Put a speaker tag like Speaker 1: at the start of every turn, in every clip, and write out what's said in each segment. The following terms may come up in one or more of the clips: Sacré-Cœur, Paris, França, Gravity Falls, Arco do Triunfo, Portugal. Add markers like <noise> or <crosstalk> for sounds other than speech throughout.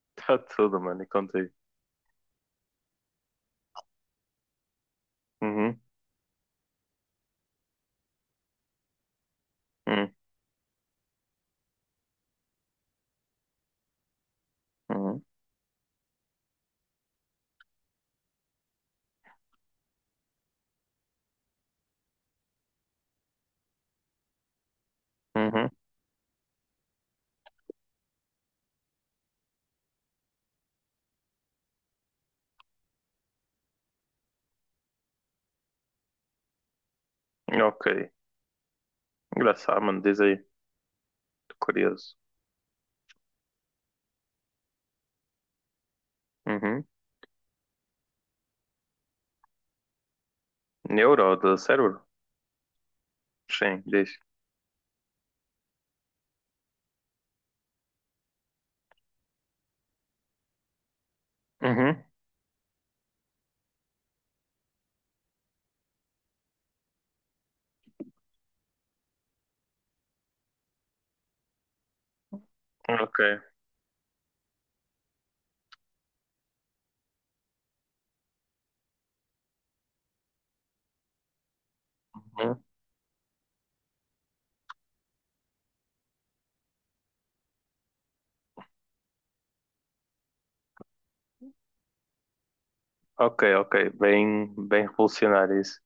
Speaker 1: <laughs> Está tudo, mano, e contigo. Uhum, uhum, uhum, uhum. Ok. Engraçado, mano, diz aí. Tô curioso. Uhum. Neuro do cérebro? Sim, diz. Uhum, ok. Uhum. Ok, ok. Bem, bem revolucionário isso.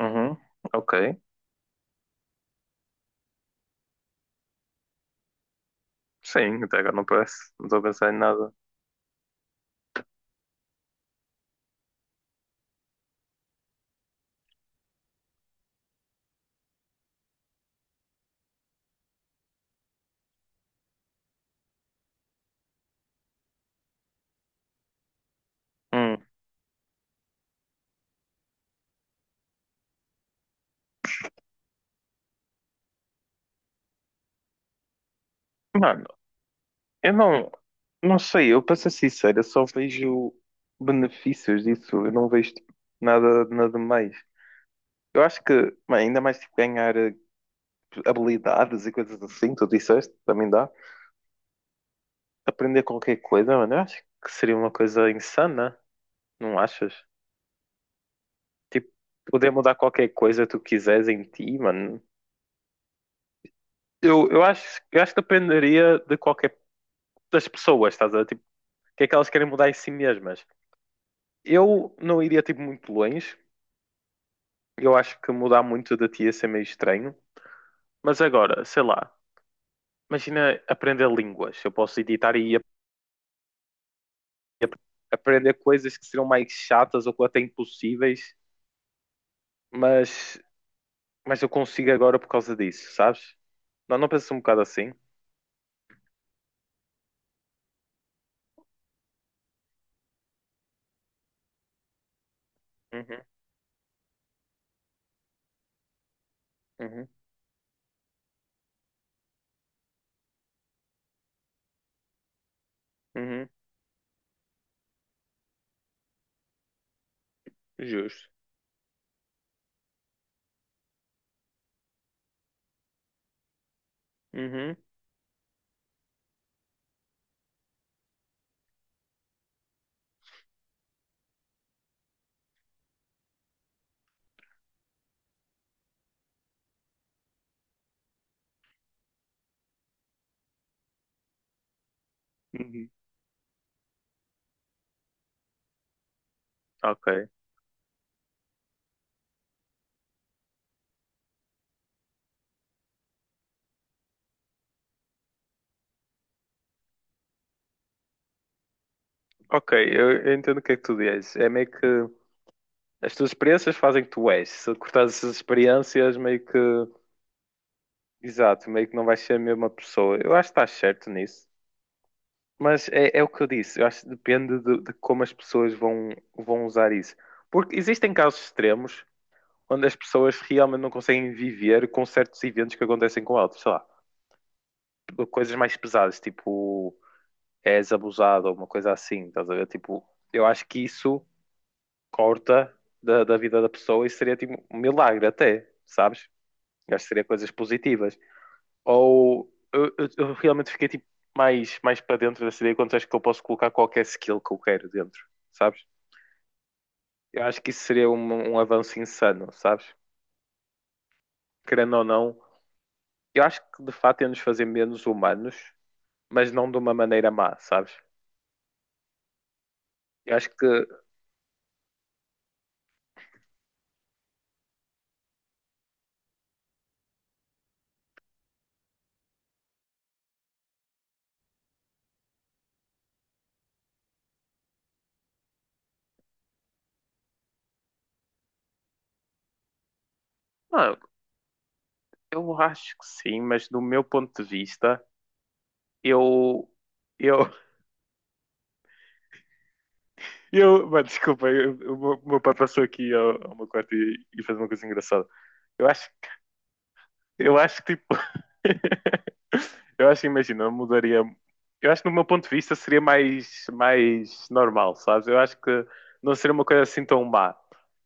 Speaker 1: Uhum, ok. Sim, até agora não parece. Não estou a pensar em nada. Hum. Mano, eu não, não sei, eu para ser sincero, eu só vejo benefícios disso, eu não vejo tipo, nada, nada mais. Eu acho que, mano, ainda mais tipo, ganhar, habilidades e coisas assim, tu disseste, também dá. Aprender qualquer coisa, mano, eu acho que seria uma coisa insana, não achas? Tipo, poder mudar qualquer coisa que tu quiseres em ti, mano. Eu acho que dependeria de qualquer das pessoas, estás a ver? Tipo, o que é que elas querem mudar em si mesmas. Eu não iria, tipo, muito longe. Eu acho que mudar muito de ti ia ser meio estranho. Mas agora, sei lá, imagina aprender línguas. Eu posso editar e ap- aprender coisas que seriam mais chatas ou até impossíveis mas, mas eu consigo agora por causa disso, sabes? Não, não pensas um bocado assim? Uhum, uhum, uhum, justo. Uhum, uhum. Ok, ok, eu entendo o que é que tu dizes. É meio que as tuas experiências fazem que tu és. Se cortares essas experiências, meio que, exato, meio que não vais ser a mesma pessoa. Eu acho que estás certo nisso. Mas é o que eu disse, eu acho que depende de como as pessoas vão usar isso. Porque existem casos extremos onde as pessoas realmente não conseguem viver com certos eventos que acontecem com elas. Sei lá, coisas mais pesadas, tipo és abusado ou uma coisa assim, estás a ver? Tipo, eu acho que isso corta da vida da pessoa e seria tipo um milagre até, sabes? Eu acho que seria coisas positivas. Ou eu realmente fiquei tipo mais para dentro dessa ideia quando acho que eu posso colocar qualquer skill que eu quero dentro, sabes? Eu acho que isso seria um avanço insano, sabes? Querendo ou não, eu acho que de fato ia nos fazer menos humanos mas não de uma maneira má, sabes? Eu acho que, não, eu acho que sim, mas do meu ponto de vista, eu, eu, <laughs> eu, mano, desculpa, o meu pai passou aqui ao meu quarto e fez uma coisa engraçada. Eu acho, que- eu acho que, tipo, <laughs> eu acho, imagina, eu mudaria, eu acho que do meu ponto de vista seria mais normal, sabes? Eu acho que não seria uma coisa assim tão má.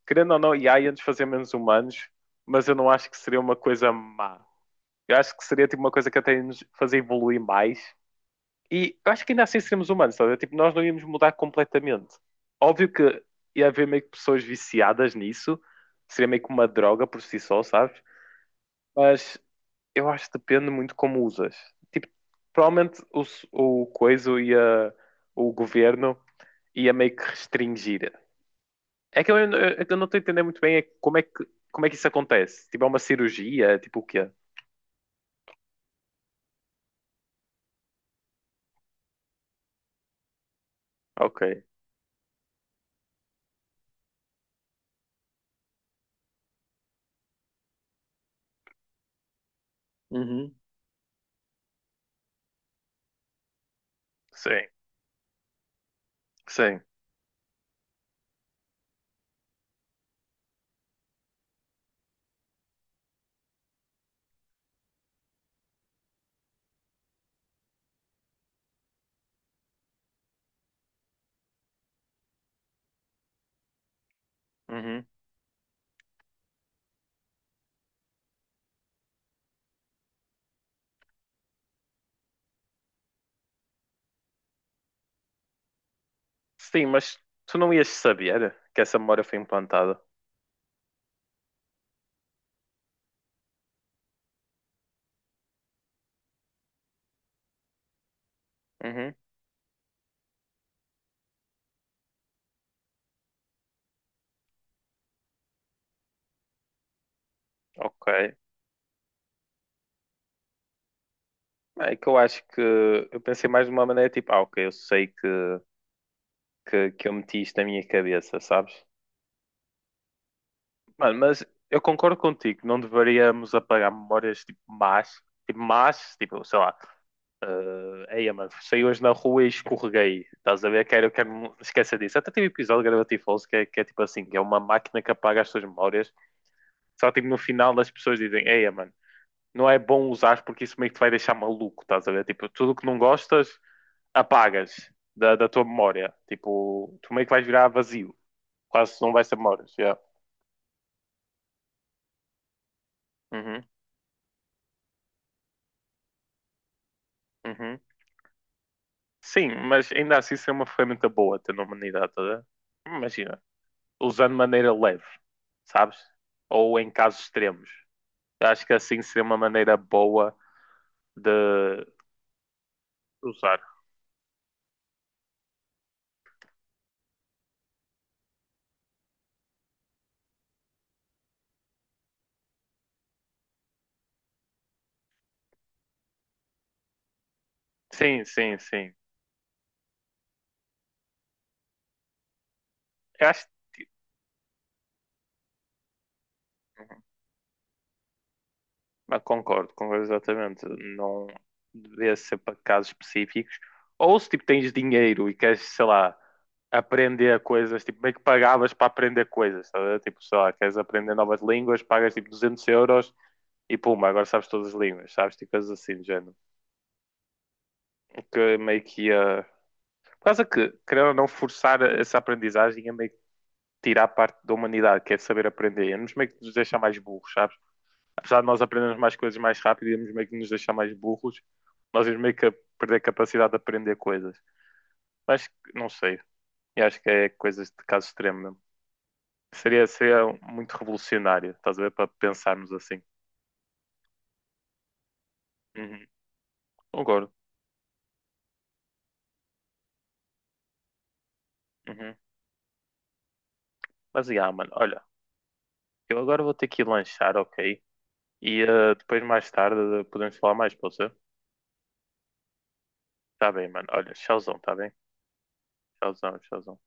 Speaker 1: Querendo ou não, IA ia antes fazer menos humanos, mas eu não acho que seria uma coisa má. Eu acho que seria tipo uma coisa que até nos fazer evoluir mais. E eu acho que ainda assim seríamos humanos, sabe? Tipo, nós não íamos mudar completamente. Óbvio que ia haver meio que pessoas viciadas nisso, seria meio que uma droga por si só, sabes? Mas eu acho que depende muito como usas. Tipo, provavelmente o coisa e o governo ia meio que restringir. É que eu não estou a entender muito bem é como é que isso acontece? Tipo, é uma cirurgia? Tipo, o quê? Ok. Uhum. Sim, sim. Uhum. Sim, mas tu não ias saber que essa memória foi implantada. Uhum, ok. É que eu acho que eu pensei mais de uma maneira tipo, ah, ok, eu sei que eu meti isto na minha cabeça, sabes? Mano, mas eu concordo contigo, não deveríamos apagar memórias tipo más, tipo más, tipo, sei lá, eh, ei, mano, saí hoje na rua e escorreguei, estás a ver? Quero esquecer disso. Até teve um episódio de Gravity Falls que que é tipo assim, que é uma máquina que apaga as suas memórias, só tipo no final as pessoas dizem, ei, mano. Não é bom usar porque isso meio que te vai deixar maluco, estás a ver? Tipo, tudo que não gostas, apagas da tua memória. Tipo, tu meio que vais virar vazio. Quase não vais ter memórias. Yeah. Uhum, uhum. Sim, mas ainda assim isso é uma ferramenta boa ter na humanidade, estás a ver? Imagina, usando de maneira leve, sabes? Ou em casos extremos. Eu acho que assim seria uma maneira boa de usar. Sim, sim, sim. Eu acho. Ah, concordo, concordo exatamente. Não devia ser para casos específicos. Ou se tipo tens dinheiro e queres, sei lá, aprender coisas, tipo, meio que pagavas para aprender coisas, estás a ver? Tipo, sei lá, queres aprender novas línguas, pagas tipo 200 euros e puma, agora sabes todas as línguas, sabes? Tipo, coisas assim do género. O que meio que ia. Por causa que, querendo ou não, forçar essa aprendizagem ia meio que tirar parte da humanidade, que é saber aprender, ia nos meio que nos deixar mais burros, sabes? Apesar de nós aprendermos mais coisas mais rápido e íamos meio que nos deixar mais burros, nós íamos meio que perder a capacidade de aprender coisas. Mas não sei, eu acho que é coisas de caso extremo mesmo. Seria muito revolucionário, estás a ver? Para pensarmos assim. Uhum. Concordo. Uhum. Mas, yeah, mano, olha, eu agora vou ter que ir lanchar, ok? E eh, depois, mais tarde, podemos falar mais, pode ser? Tá bem, mano. Olha, tchauzão, tá bem? Tchauzão, tchauzão.